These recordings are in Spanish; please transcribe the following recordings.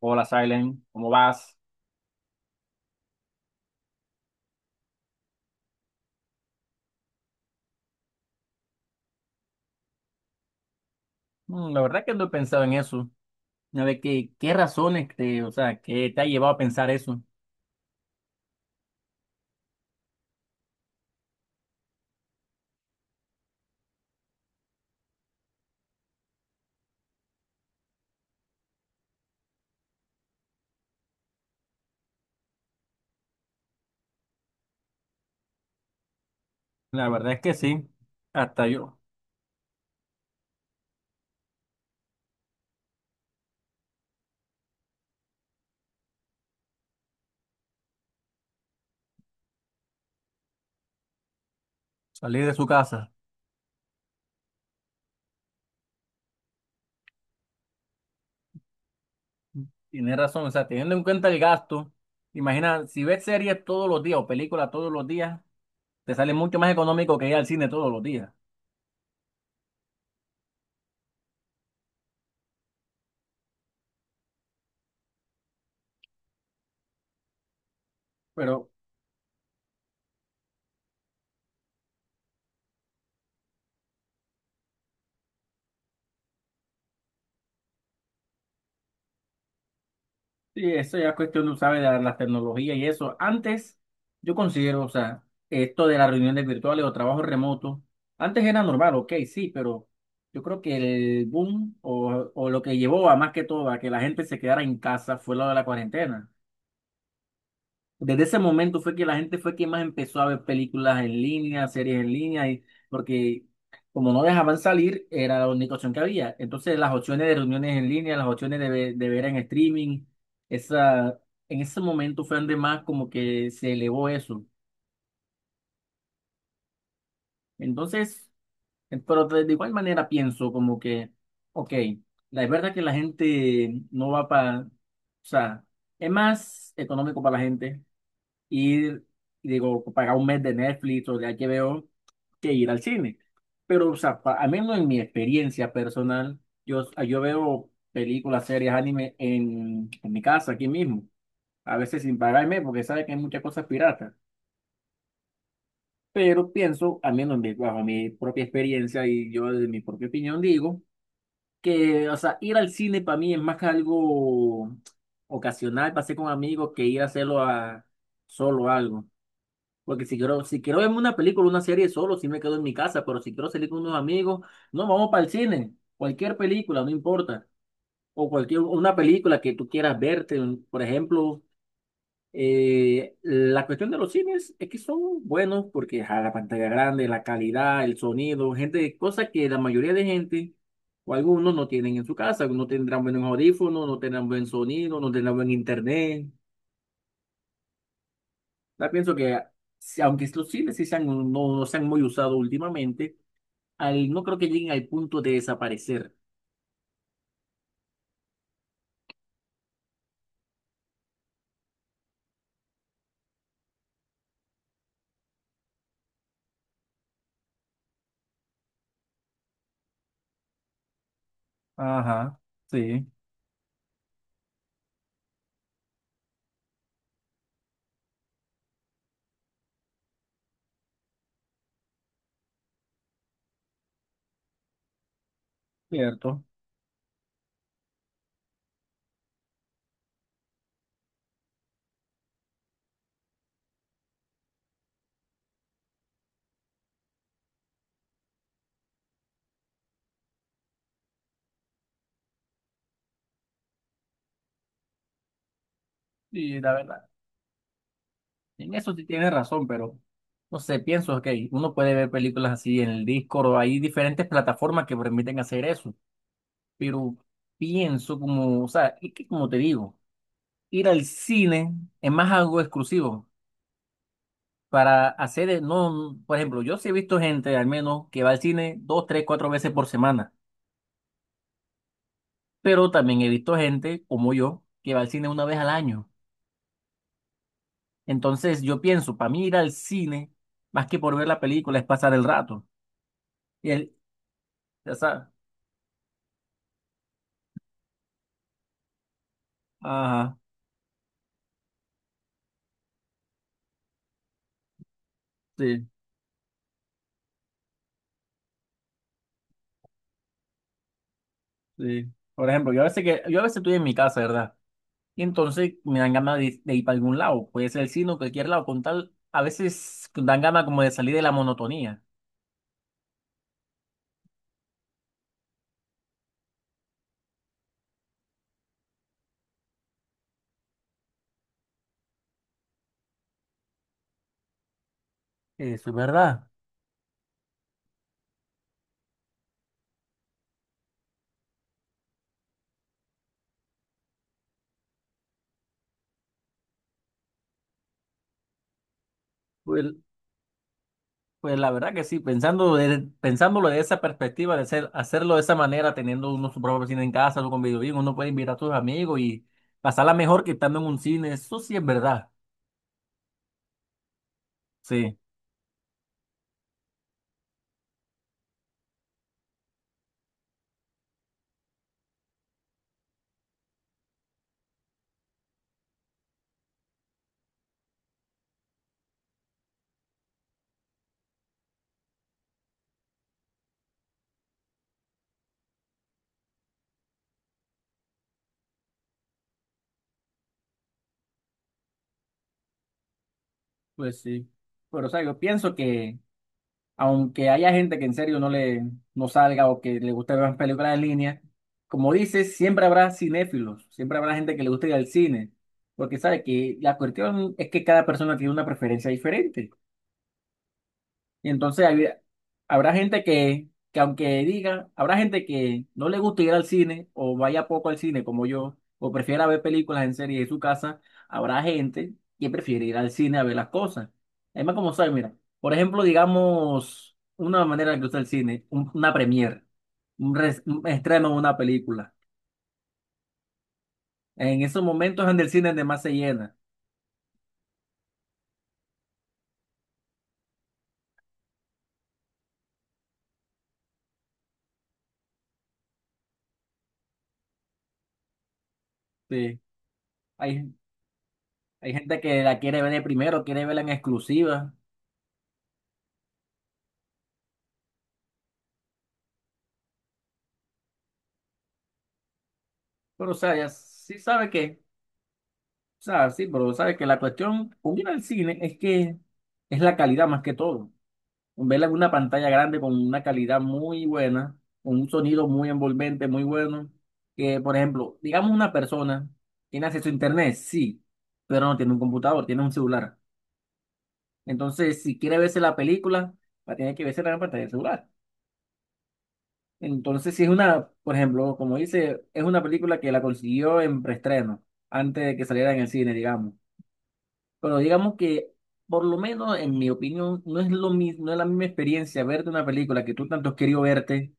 Hola, Silent, ¿cómo vas? La verdad que no he pensado en eso. A ver, ¿qué razones te, o sea, ¿qué te ha llevado a pensar eso? La verdad es que sí, hasta yo salir de su casa. Tienes razón, o sea, teniendo en cuenta el gasto, imagina, si ves series todos los días o películas todos los días, te sale mucho más económico que ir al cine todos los días. Pero sí, eso ya es cuestión, tú sabes, de las tecnologías y eso. Antes, yo considero, o sea, esto de las reuniones virtuales o trabajo remoto, antes era normal, ok, sí, pero yo creo que el boom o lo que llevó a más que todo a que la gente se quedara en casa fue lo de la cuarentena. Desde ese momento fue que la gente fue que más empezó a ver películas en línea, series en línea, y porque como no dejaban salir, era la única opción que había. Entonces las opciones de reuniones en línea, las opciones de, de ver en streaming, esa, en ese momento fue donde más como que se elevó eso. Entonces, pero de igual manera pienso como que, ok, la es verdad que la gente no va para, o sea, es más económico para la gente y digo, pagar un mes de Netflix o de HBO que ir al cine. Pero, o sea, pa- al menos en mi experiencia personal, yo, yo veo películas, series, anime en mi casa, aquí mismo, a veces sin pagarme, porque sabe que hay muchas cosas piratas. Pero pienso, al menos en mi- bajo mi propia experiencia y yo de mi propia opinión digo, que, o sea, ir al cine para mí es más que algo ocasional, pasé con amigos, que ir a hacerlo a solo algo. Porque si quiero, si quiero verme una película, una serie solo, si me quedo en mi casa, pero si quiero salir con unos amigos, no, vamos para el cine. Cualquier película, no importa. O cualquier, una película que tú quieras verte. Un- Por ejemplo, la cuestión de los cines es que son buenos porque a la pantalla grande, la calidad, el sonido, gente, cosas que la mayoría de gente o algunos no tienen en su casa. No tendrán buenos audífonos, no tendrán buen sonido, no tendrán buen internet. Ya pienso que, si- aunque los cines sí sean no, no se han muy usado últimamente, al, no creo que lleguen al punto de desaparecer. Ajá, sí, cierto. Y la verdad, en eso sí tienes razón, pero no sé, pienso que uno puede ver películas así en el Discord o hay diferentes plataformas que permiten hacer eso, pero pienso como, o sea, es que como te digo, ir al cine es más algo exclusivo. Para hacer, e, no, por ejemplo, yo sí he visto gente al menos que va al cine dos, tres, cuatro veces por semana, pero también he visto gente como yo que va al cine una vez al año. Entonces yo pienso, para mí ir al cine, más que por ver la película, es pasar el rato. Y el, ya sabes, ajá, sí, sí. Por ejemplo, yo a veces que, yo a veces estoy en mi casa, ¿verdad? Y entonces me dan ganas de ir para algún lado, puede ser el cine o cualquier lado, con tal, a veces dan ganas como de salir de la monotonía. Eso es verdad. Pues, pues la verdad que sí, pensando de- pensándolo de esa perspectiva, de ser hacerlo de esa manera, teniendo uno su propio cine en casa, o con videojuegos, uno puede invitar a tus amigos y pasarla mejor que estando en un cine, eso sí es verdad. Sí, pues sí. Pero o sea, yo pienso que aunque haya gente que en serio no le no salga o que le guste ver más películas en línea, como dices, siempre habrá cinéfilos, siempre habrá gente que le guste ir al cine, porque sabe que la cuestión es que cada persona tiene una preferencia diferente. Y entonces hay- habrá gente que aunque diga, habrá gente que no le gusta ir al cine o vaya poco al cine como yo, o prefiera ver películas en serie en su casa, habrá gente que prefiere ir al cine a ver las cosas. Además, como sabes, mira, por ejemplo, digamos, una manera de que usa el cine, un- una premiere, un, res- un estreno de una película. En esos momentos donde el cine es de más se llena. Sí. Hay, hay gente que la quiere ver de primero, quiere verla en exclusiva, pero o sea, ya sí sabe que... O sea, sí, pero sabes que la cuestión con ir al cine es que es la calidad más que todo. Verla en una pantalla grande con una calidad muy buena, con un sonido muy envolvente, muy bueno. Que, por ejemplo, digamos una persona tiene acceso a internet, sí, pero no tiene un computador, tiene un celular. Entonces, si quiere verse la película, va a tener que verse en la pantalla del celular. Entonces, si es una, por ejemplo, como dice, es una película que la consiguió en preestreno, antes de que saliera en el cine, digamos. Bueno, digamos que, por lo menos en mi opinión, no es lo mismo, no es la misma experiencia verte una película que tú tanto has querido verte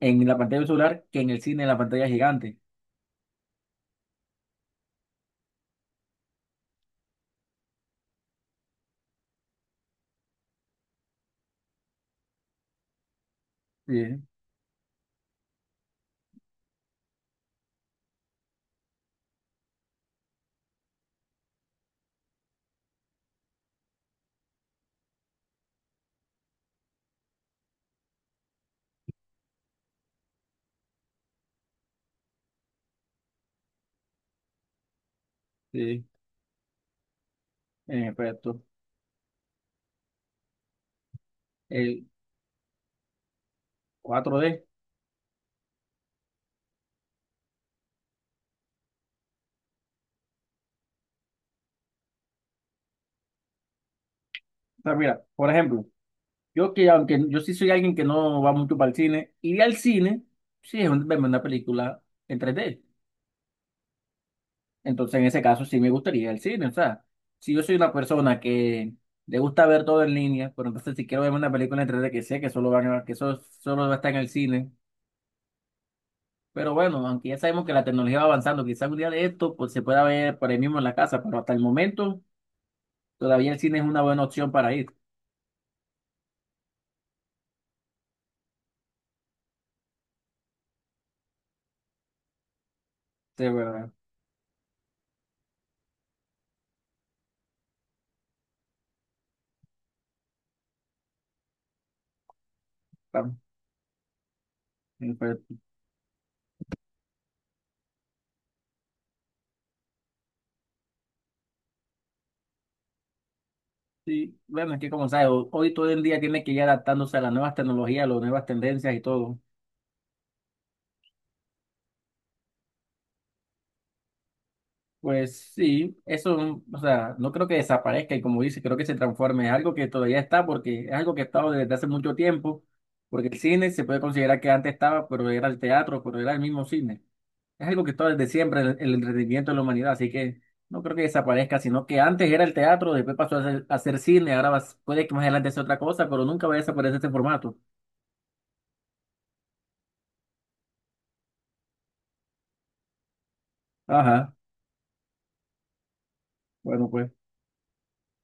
en la pantalla del celular que en el cine, en la pantalla gigante. Sí, sí, en efecto. El cuatro d. O sea, mira, por ejemplo, yo que aunque yo sí soy alguien que no va mucho para el cine, ir al cine, sí es un- verme una película en tres d. Entonces, en ese caso, sí me gustaría el cine. O sea, si yo soy una persona que le gusta ver todo en línea, pero entonces si quiero ver una película en 3D que sé que solo van a- que eso solo va a estar en el cine. Pero bueno, aunque ya sabemos que la tecnología va avanzando, quizás un día de esto pues, se pueda ver por ahí mismo en la casa, pero hasta el momento todavía el cine es una buena opción para ir. Sí, verdad. Claro. Y, pues, sí, bueno, es que como sabes, ho- hoy todo el día tiene que ir adaptándose a las nuevas tecnologías, las nuevas tendencias y todo. Pues sí, eso, o sea, no creo que desaparezca y como dice, creo que se transforme. Es algo que todavía está porque es algo que ha estado desde hace mucho tiempo, porque el cine se puede considerar que antes estaba, pero era el teatro, pero era el mismo cine. Es algo que está desde siempre, el entretenimiento de la humanidad, así que no creo que desaparezca, sino que antes era el teatro, después pasó a ser cine, ahora vas- puede que más adelante sea otra cosa, pero nunca va a desaparecer este formato. Ajá, bueno, pues.